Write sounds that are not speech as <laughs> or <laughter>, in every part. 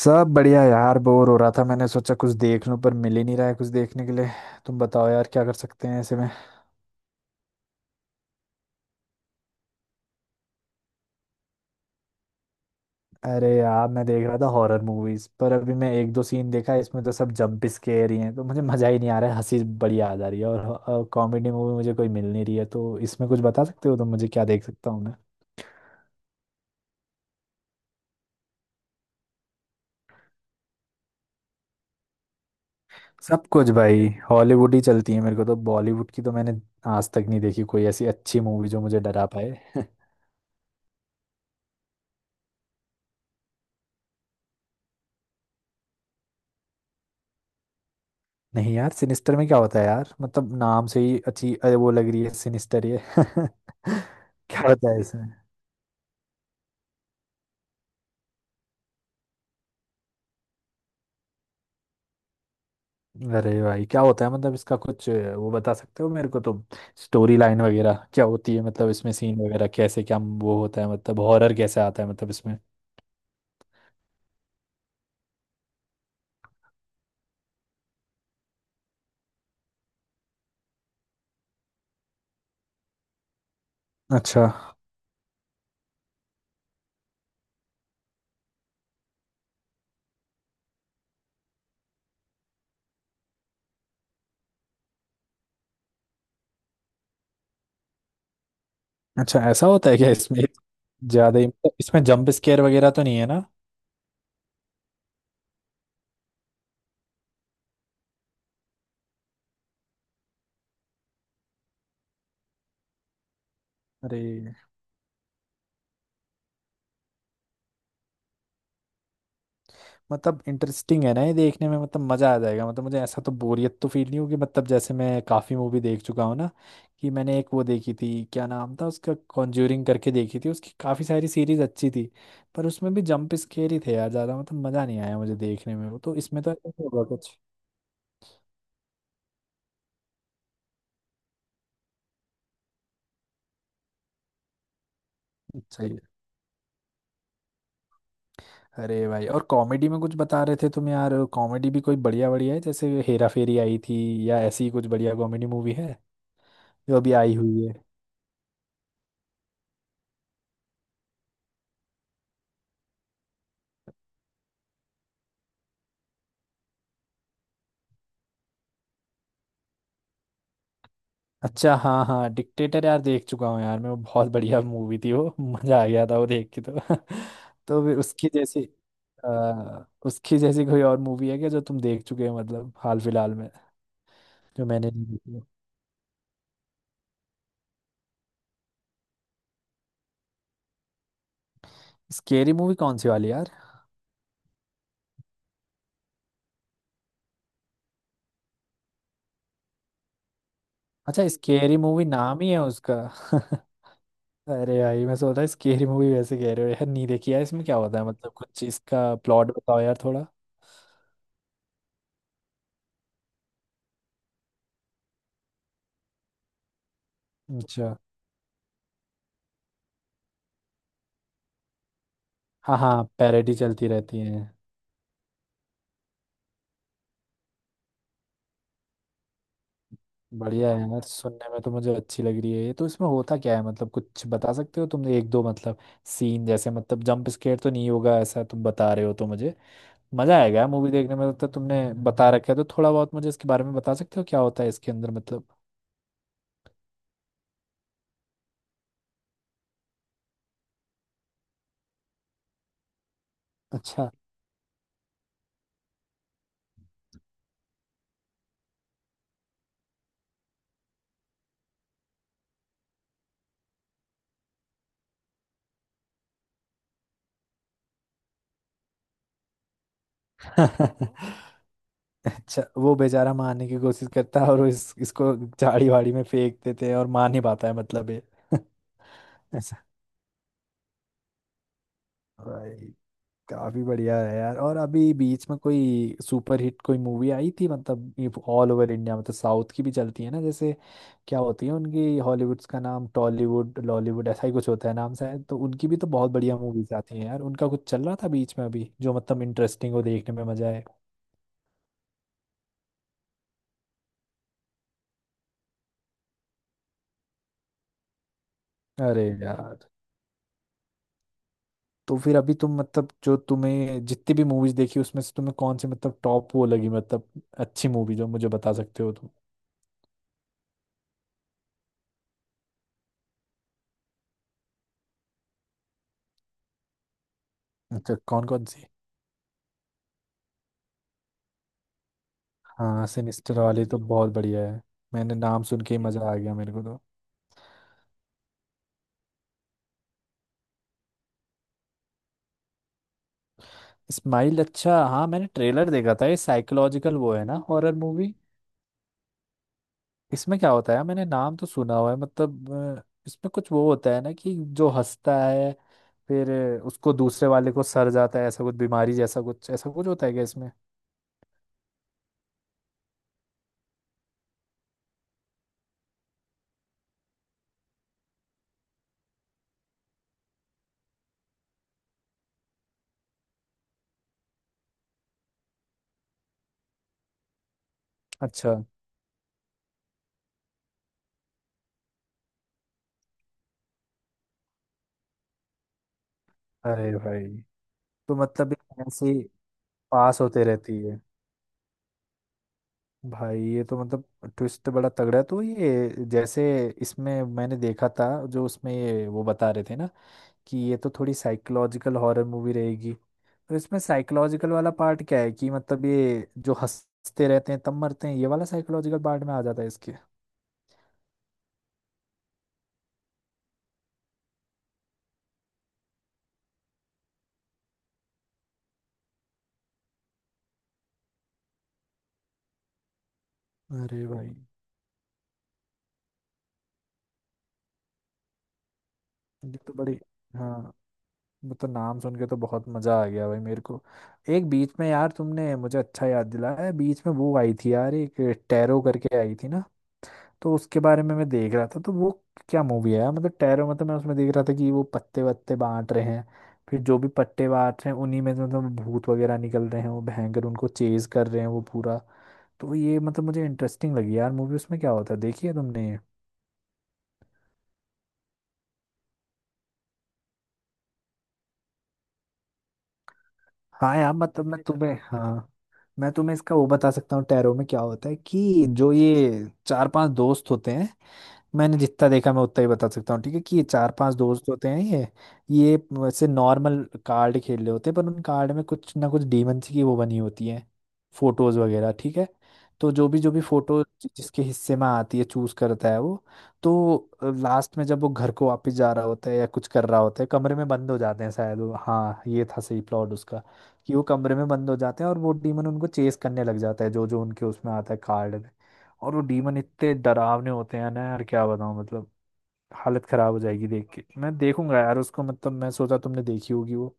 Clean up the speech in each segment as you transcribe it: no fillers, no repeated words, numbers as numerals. सब बढ़िया यार, बोर हो रहा था। मैंने सोचा कुछ देख लूं पर मिल ही नहीं रहा है कुछ देखने के लिए। तुम बताओ यार, क्या कर सकते हैं ऐसे में। अरे यार, मैं देख रहा था हॉरर मूवीज, पर अभी मैं एक दो सीन देखा, इसमें तो सब जंप स्केयर ही हैं तो मुझे मजा ही नहीं आ रहा है, हंसी बड़ी आ जा रही है। और कॉमेडी मूवी मुझे कोई मिल नहीं रही है, तो इसमें कुछ बता सकते हो तुम मुझे, क्या देख सकता हूँ मैं। सब कुछ भाई, हॉलीवुड ही चलती है मेरे को तो, बॉलीवुड की तो मैंने आज तक नहीं देखी कोई ऐसी अच्छी मूवी जो मुझे डरा पाए। नहीं यार, सिनिस्टर में क्या होता है यार, मतलब नाम से ही अच्छी अरे वो लग रही है सिनिस्टर ये <laughs> क्या होता है इसमें। अरे भाई, क्या होता है, मतलब इसका कुछ वो बता सकते हो मेरे को तुम। स्टोरी लाइन वगैरह क्या होती है, मतलब इसमें सीन वगैरह कैसे क्या वो होता है, मतलब हॉरर कैसे आता है मतलब इसमें। अच्छा। अच्छा, ऐसा होता है क्या इसमें। ज्यादा ही, मतलब इसमें जंप स्केयर वगैरह तो नहीं है ना। अरे, मतलब इंटरेस्टिंग है ना ये देखने में, मतलब मज़ा आ जाएगा, मतलब मुझे ऐसा तो बोरियत तो फील नहीं होगी। मतलब जैसे मैं काफ़ी मूवी देख चुका हूँ ना, कि मैंने एक वो देखी थी, क्या नाम था उसका, कॉन्ज्यूरिंग करके देखी थी, उसकी काफ़ी सारी सीरीज अच्छी थी, पर उसमें भी जंप स्केयर ही थे यार ज़्यादा, मतलब मज़ा नहीं आया मुझे देखने में वो, तो इसमें तो ऐसा नहीं होगा कुछ। अच्छा ही है। अरे भाई, और कॉमेडी में कुछ बता रहे थे तुम यार, कॉमेडी भी कोई बढ़िया बढ़िया है, जैसे हेरा फेरी आई थी या ऐसी ही कुछ बढ़िया कॉमेडी मूवी है जो अभी आई हुई है। अच्छा, हाँ हाँ, डिक्टेटर यार देख चुका हूँ यार मैं, वो बहुत बढ़िया मूवी थी, वो मजा आ गया था वो देख के तो <laughs> तो फिर उसकी जैसी उसकी जैसी कोई और मूवी है क्या जो तुम देख चुके हो, मतलब हाल फिलहाल में, जो मैंने नहीं देखी हो? स्केरी मूवी कौन सी वाली यार। अच्छा, स्केरी मूवी नाम ही है उसका। <laughs> अरे भाई, मैं सोच रहा स्केरी मूवी वैसे कह रहे हो यार। नहीं देखी यार, इसमें क्या होता है, मतलब कुछ चीज का प्लॉट बताओ यार थोड़ा। अच्छा, हाँ हाँ, पैरेडी चलती रहती है। बढ़िया है यार, सुनने में तो मुझे अच्छी लग रही है ये तो। इसमें होता क्या है, मतलब कुछ बता सकते हो, तुमने एक दो, मतलब सीन जैसे, मतलब जंप स्केयर तो नहीं होगा ऐसा तुम बता रहे हो तो मुझे मजा आएगा मूवी देखने में, मतलब तो तुमने बता रखा है तो थोड़ा बहुत मुझे इसके बारे में बता सकते हो, क्या होता है इसके अंदर मतलब। अच्छा। <laughs> अच्छा, वो बेचारा मारने की कोशिश करता है और वो इसको झाड़ी वाड़ी में फेंक देते हैं और मार नहीं पाता है मतलब ये। <laughs> ऐसा। काफी बढ़िया है यार। और अभी बीच में कोई सुपर हिट कोई मूवी आई थी, मतलब ये ऑल ओवर इंडिया, मतलब साउथ की भी चलती है ना जैसे, क्या होती है उनकी हॉलीवुड्स का नाम, टॉलीवुड लॉलीवुड ऐसा ही कुछ होता है नाम शायद, तो उनकी भी तो बहुत बढ़िया मूवीज आती हैं यार, उनका कुछ चल रहा था बीच में अभी, जो मतलब इंटरेस्टिंग हो देखने में मजा आए। अरे यार, तो फिर अभी तुम, मतलब जो तुम्हें जितनी भी मूवीज देखी उसमें से, तुम्हें कौन सी मतलब टॉप वो लगी, मतलब अच्छी मूवी जो मुझे बता सकते हो तुम। अच्छा, कौन कौन सी। हाँ सिनिस्टर वाली तो बहुत बढ़िया है। मैंने नाम सुन के ही मजा आ गया मेरे को तो। स्माइल, अच्छा हाँ, मैंने ट्रेलर देखा था, ये साइकोलॉजिकल वो है ना, हॉरर मूवी। इसमें क्या होता है, मैंने नाम तो सुना हुआ है मतलब, अ, इसमें कुछ वो होता है ना कि जो हंसता है फिर उसको दूसरे वाले को सर जाता है ऐसा कुछ, बीमारी जैसा कुछ ऐसा कुछ होता है क्या इसमें। अच्छा। अरे भाई, तो मतलब ये ऐसे ही पास होते रहती है। भाई ये तो मतलब ट्विस्ट बड़ा तगड़ा है। तो ये जैसे इसमें मैंने देखा था, जो उसमें ये वो बता रहे थे ना कि ये तो थोड़ी साइकोलॉजिकल हॉरर मूवी रहेगी, तो इसमें साइकोलॉजिकल वाला पार्ट क्या है, कि मतलब ये जो हंसते रहते हैं तब मरते हैं, ये वाला साइकोलॉजिकल पार्ट में आ जाता है इसके। अरे भाई। ये तो बड़ी, हाँ वो तो नाम सुन के तो बहुत मजा आ गया भाई मेरे को। एक बीच में यार तुमने मुझे अच्छा याद दिलाया, बीच में वो आई थी यार एक, टेरो करके आई थी ना, तो उसके बारे में मैं देख रहा था तो वो क्या मूवी है यार, मतलब टैरो, मतलब मैं उसमें देख रहा था कि वो पत्ते वत्ते बांट रहे हैं, फिर जो भी पत्ते बांट रहे हैं उन्हीं में से मतलब भूत वगैरह निकल रहे हैं, वो भयंकर उनको चेज कर रहे हैं वो पूरा। तो ये मतलब मुझे इंटरेस्टिंग लगी यार मूवी, उसमें क्या होता है, देखी है तुमने ये? हाँ यार, मतलब मैं तुम्हें, हाँ मैं तुम्हें इसका वो बता सकता हूँ, टैरो में क्या होता है कि जो ये चार पांच दोस्त होते हैं, मैंने जितना देखा मैं उतना ही बता सकता हूँ, ठीक है, कि ये चार पांच दोस्त होते हैं, ये वैसे नॉर्मल कार्ड खेल रहे होते हैं, पर उन कार्ड में कुछ ना कुछ डीमंस की वो बनी होती है, फोटोज वगैरह, ठीक है। तो जो भी फोटो जिसके हिस्से में आती है, चूज करता है वो। तो लास्ट में जब वो घर को वापस जा रहा होता है या कुछ कर रहा होता है, कमरे में बंद हो जाते हैं शायद वो, हाँ ये था सही प्लॉट उसका, कि वो कमरे में बंद हो जाते हैं और वो डीमन उनको चेस करने लग जाता है, जो जो उनके उसमें आता है कार्ड, और वो डीमन इतने डरावने होते हैं ना यार, क्या बताऊँ मतलब, हालत खराब हो जाएगी देख के। मैं देखूंगा यार उसको, मतलब मैं सोचा तुमने देखी होगी वो।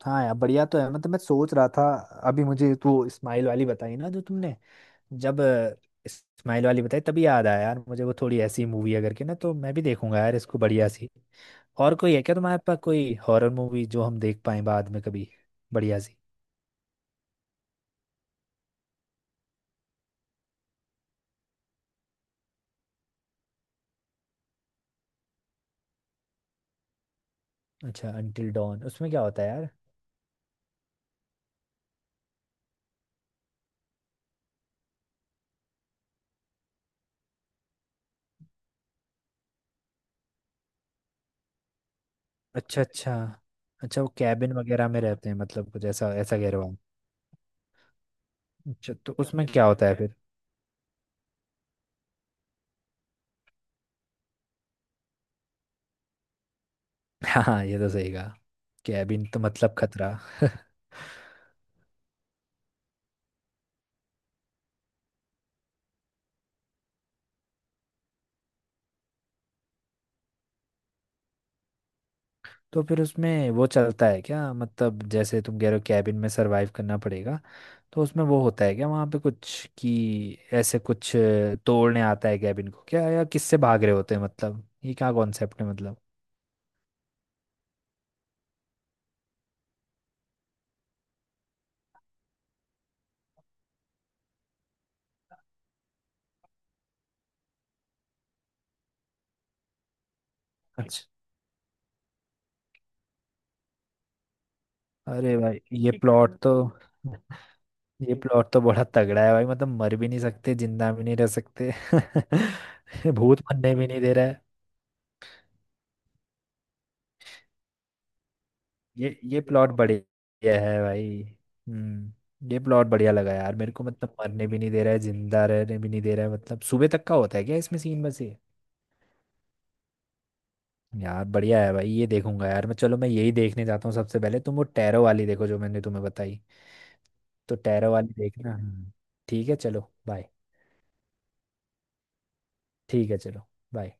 हाँ यार बढ़िया तो है, मतलब मैं सोच रहा था अभी मुझे तो स्माइल वाली बताई ना जो तुमने, जब स्माइल वाली बताई तभी याद आया यार मुझे वो, थोड़ी ऐसी मूवी है करके ना, तो मैं भी देखूंगा यार इसको बढ़िया सी। और कोई है क्या तुम्हारे पास कोई हॉरर मूवी जो हम देख पाए बाद में कभी, बढ़िया सी। अच्छा, अंटिल डॉन, उसमें क्या होता है यार। अच्छा अच्छा। अच्छा, वो कैबिन वगैरह में रहते हैं, मतलब कुछ ऐसा ऐसा कह रहे हो आप। अच्छा, तो उसमें क्या होता है फिर। <laughs> हाँ हाँ, ये तो सही कहा, कैबिन तो मतलब खतरा। <laughs> तो फिर उसमें वो चलता है क्या, मतलब जैसे तुम कह रहे हो कैबिन में सरवाइव करना पड़ेगा, तो उसमें वो होता है क्या वहाँ पे कुछ, कि ऐसे कुछ तोड़ने आता है कैबिन को क्या, या किससे भाग रहे होते हैं, मतलब ये क्या कॉन्सेप्ट है मतलब। अच्छा। अरे भाई, ये प्लॉट तो <laughs> ये प्लॉट तो बड़ा तगड़ा है भाई, मतलब मर भी नहीं सकते जिंदा भी नहीं रह सकते। <laughs> भूत बनने भी नहीं दे रहा है। ये प्लॉट बढ़िया है भाई। हम्म, ये प्लॉट बढ़िया लगा यार मेरे को, मतलब मरने भी नहीं दे रहा है जिंदा रहने भी नहीं दे रहा है, मतलब सुबह तक का होता है क्या इसमें सीन बस ये। यार बढ़िया है भाई, ये देखूंगा यार मैं, चलो मैं यही देखने जाता हूँ सबसे पहले, तुम वो टैरो वाली देखो जो मैंने तुम्हें बताई, तो टैरो वाली देखना। हम्म। ठीक है चलो। बाय। ठीक है चलो। बाय।